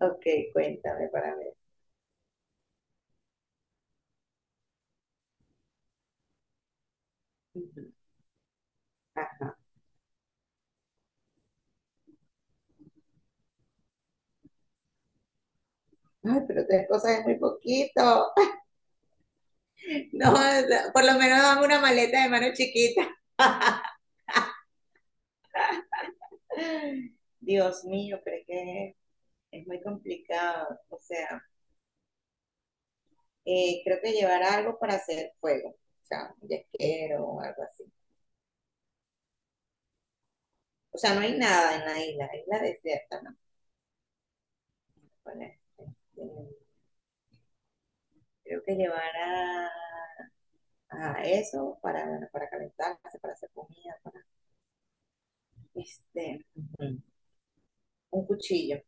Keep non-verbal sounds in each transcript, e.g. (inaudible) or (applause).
Ok, cuéntame para ver. Ujú. Ah, ay, pero tres cosas es muy poquito. (laughs) No, no, por lo menos dame una maleta de mano chiquita. (laughs) Dios mío, pero es que es muy complicado. O sea, creo que llevar algo para hacer fuego. O sea, un yesquero o algo así. O sea, no hay nada en la isla. Es la desierta, ¿no? Bueno, creo que a eso para calentarse, para hacer comida, para este, ujú, un cuchillo.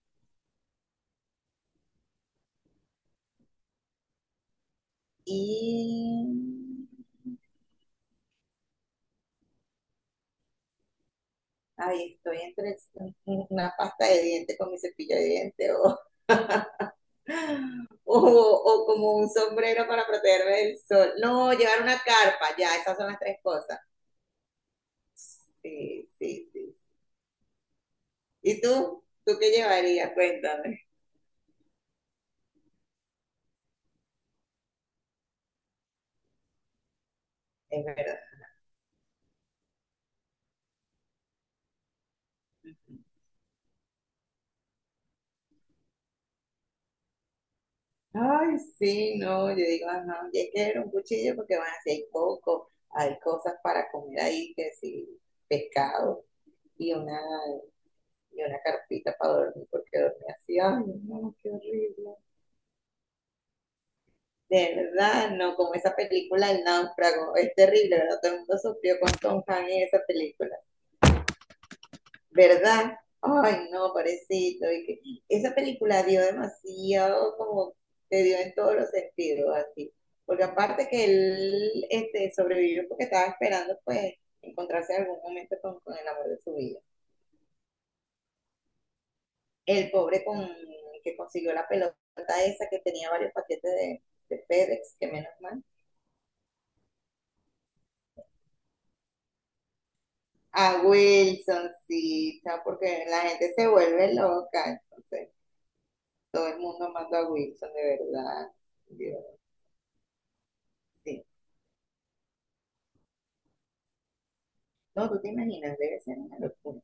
Y ahí estoy entre una pasta de dientes con mi cepillo de dientes o, o como un sombrero para protegerme del sol. No, llevar una carpa, ya, esas son las tres cosas. Sí, sí, sí. ¿Y tú? ¿Tú qué llevarías? Cuéntame. Es verdad. Ay, sí, no, yo digo, ajá, y es que era un cuchillo porque van a hay coco, hay cosas para comer ahí, que sí, pescado y una y una carpita para dormir, porque dormía así, ay, no, no, qué horrible. De verdad, no, como esa película El náufrago, es terrible, ¿verdad? Todo el mundo sufrió con Tom Hanks en esa película, ¿verdad? Ay, no, parecito. Y que esa película dio demasiado, como te dio en todos los sentidos, así. Porque aparte que él sobrevivió porque estaba esperando, pues, encontrarse en algún momento con el amor de su vida. El pobre con, que consiguió la pelota esa que tenía varios paquetes de FedEx, que menos mal. A Wilsoncita, porque la gente se vuelve loca, entonces todo el mundo manda a Wilson, de verdad. Dios, sí. No, tú te imaginas, debe ser una locura.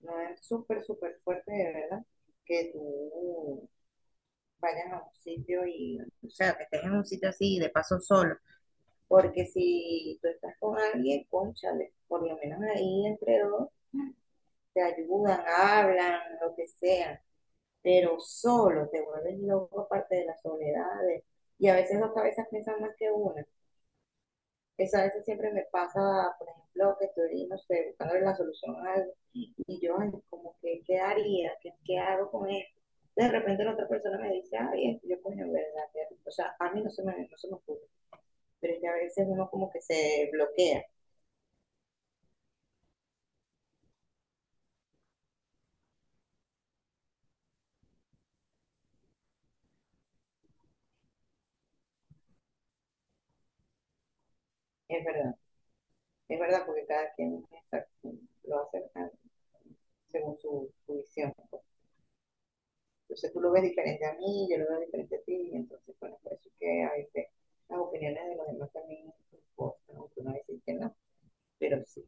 No es súper, súper fuerte, de verdad, que tú vayas a un sitio y, o sea, que estés en un sitio así, de paso solo. Porque si tú estás con alguien, cónchale por lo menos ahí entre dos, te ayudan, hablan, lo que sea, pero solo te vuelves loco aparte de las soledades. Y a veces dos cabezas piensan más que una. Eso a veces siempre me pasa, por ejemplo, que estoy, no sé, buscando la solución a algo y yo, ay, como que, ¿qué haría? Qué hago con esto? De repente la otra persona me dice, ay, yo coño, en verdad, o sea, a mí no se me ocurre, pero es que a veces uno como que se bloquea, es verdad. Es verdad porque cada quien lo hace ah, según su visión, pues. Entonces tú lo ves diferente a mí, yo lo veo diferente a ti, y entonces, bueno, por eso es que a veces las opiniones de los demás también importan, aunque uno a veces que no, pero sí.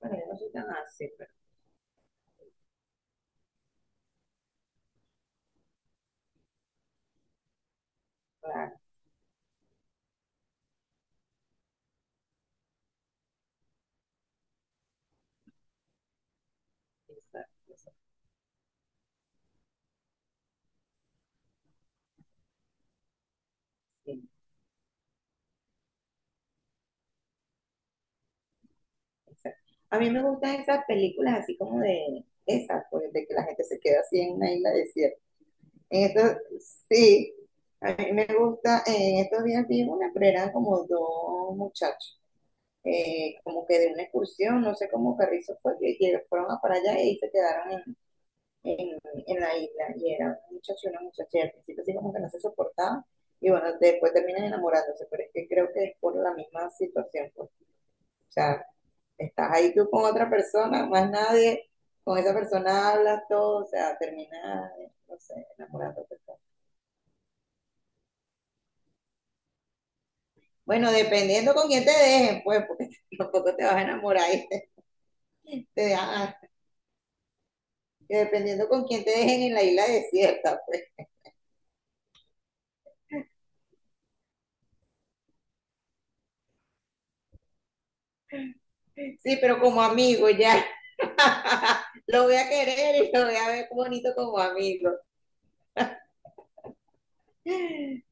Bueno, yo no soy tan así, pero claro, exacto, exacto, sí, exacto. A mí me gustan esas películas así como de esas, pues, de que la gente se queda así en una isla desierta. En estos, sí, a mí me gusta, en estos días vi una, pero eran como dos muchachos, como que de una excursión, no sé cómo Carrizo fue, que fueron a para allá y se quedaron en, en la isla. Y era un muchacho y una muchacha, y al principio así como que no se soportaban, y bueno, después terminan enamorándose, pero es que creo que es por la misma situación, pues. O sea, estás ahí tú con otra persona, más nadie, con esa persona hablas todo, o sea, terminas, no sé, enamorándote. Bueno, dependiendo con quién te dejen, pues, porque (laughs) tampoco te vas a enamorar y te, te dejan- dependiendo con quién te dejen en la isla desierta, pues. Sí, pero como amigo ya. (laughs) Lo voy a querer y lo voy a ver bonito como amigo.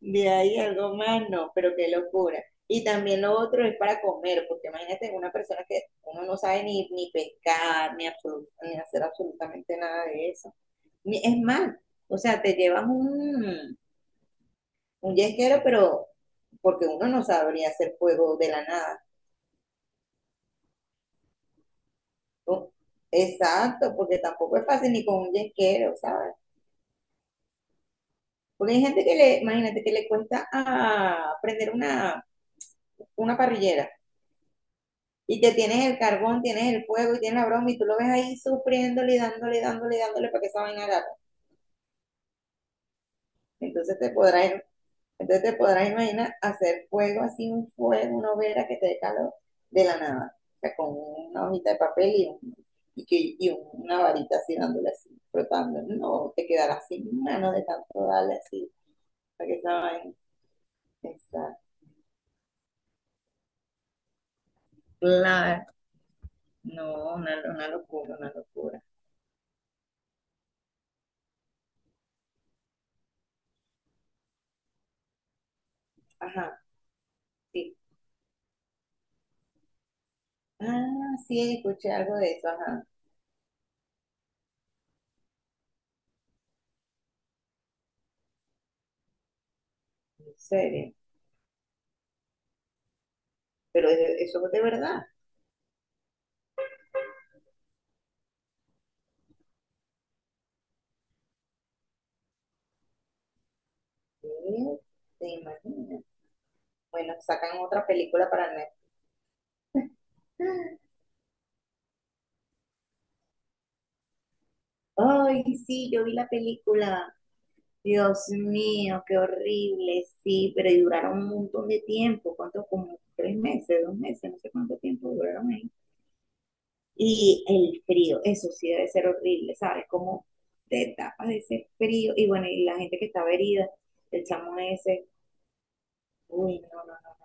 De ahí algo más, no, pero qué locura. Y también lo otro es para comer, porque imagínate una persona que uno no sabe ni pescar, ni, ni hacer absolutamente nada de eso. Es más, o sea, te llevas un yesquero, pero porque uno no sabría hacer fuego de la nada, ¿no? Exacto, porque tampoco es fácil ni con un yesquero, ¿sabes? Porque hay gente que le, imagínate que le cuesta ah, prender una parrillera y que tienes el carbón, tienes el fuego y tienes la broma y tú lo ves ahí sufriéndole y dándole, dándole, dándole para que esa vaina agarre. Entonces te podrás Entonces te podrás imaginar hacer fuego así, un fuego, una hoguera que te dé calor de la nada. O sea, con una hojita de papel una varita así dándole así, frotando. No, te quedarás sin mano de tanto darle así. Para que esa vaina. Exacto. Claro. No, una locura, una locura. Ajá, sí. Ah, sí, escuché algo de eso, ajá. ¿En serio? Pero eso es de verdad. Sí, te imaginas. Bueno, sacan otra película para Netflix. Ay, sí, yo vi la película. Dios mío, qué horrible. Sí, pero duraron un montón de tiempo. ¿Cuánto? Como tres meses, dos meses, no sé cuánto tiempo duraron ahí. Y el frío, eso sí debe ser horrible, ¿sabes? Como te tapas de ese frío. Y bueno, y la gente que estaba herida, el chamo ese. Uy, no, no, no.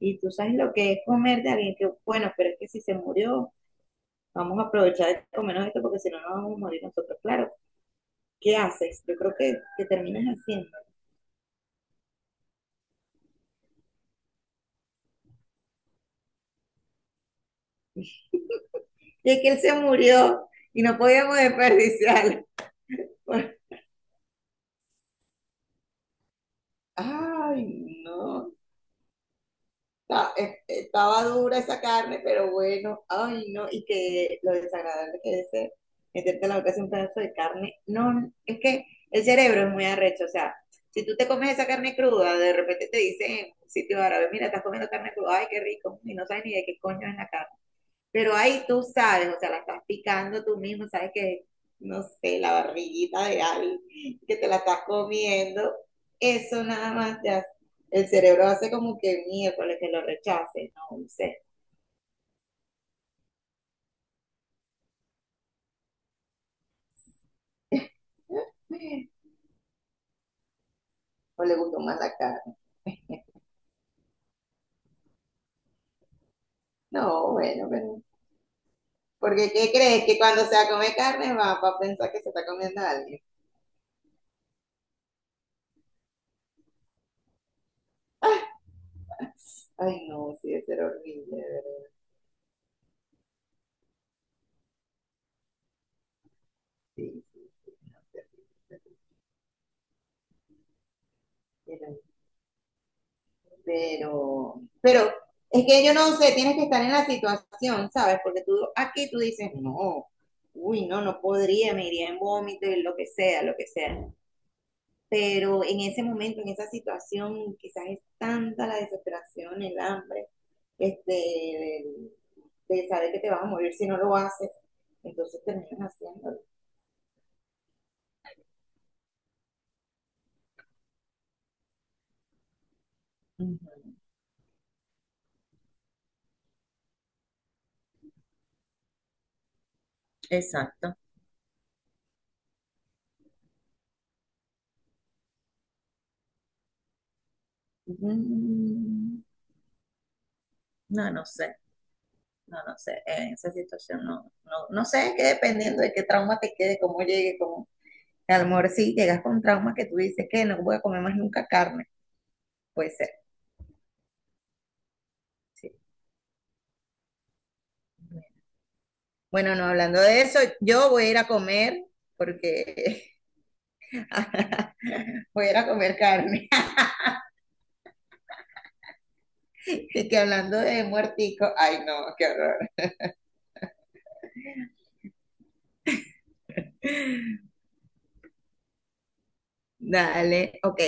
Y tú sabes lo que es comer de alguien que, bueno, pero es que si se murió, vamos a aprovechar de comernos esto porque si no nos vamos a morir nosotros. Claro, ¿qué haces? Yo creo que terminas haciendo. Y es que él se murió y no podíamos desperdiciarlo. Ay, no. Estaba dura esa carne, pero bueno, ay, no. Y que lo desagradable que es meterte en la boca así un pedazo de carne. No, es que el cerebro es muy arrecho. O sea, si tú te comes esa carne cruda, de repente te dicen en un sitio árabe, mira, estás comiendo carne cruda, ay, qué rico, y no sabes ni de qué coño es la carne. Pero ahí tú sabes, o sea, la estás picando tú mismo, sabes que, no sé, la barriguita de alguien que te la estás comiendo, eso nada más ya, el cerebro hace como que miércoles que lo rechace, no sé. O le gustó más la carne. No, bueno, pero. Porque ¿qué crees? Que cuando se come carne va a pensar que se está comiendo a alguien. Ay, no, sí, debe ser horrible, de verdad. Sí, sí, sí, sí, sí, sí, pero, es que yo no sé, tienes que estar en la situación, ¿sabes? Porque tú aquí tú dices, no, uy, no, no podría, me iría en vómito y lo que sea, lo que sea. Pero en ese momento, en esa situación, quizás es tanta la desesperación, el hambre, este, el- de saber que te vas a morir si no lo haces, entonces terminas haciéndolo. Exacto. Mm, no, no sé. No sé, en esa situación no, no, no sé, es que dependiendo de qué trauma te quede, cómo llegue, cómo, a lo mejor sí llegas con traumas que tú dices que no voy a comer más nunca carne, puede ser, sí. Bueno, no, hablando de eso, yo voy a ir a comer porque (laughs) voy a ir a comer carne. (laughs) Y que hablando de muertico, ay no, qué horror. Dale, ok,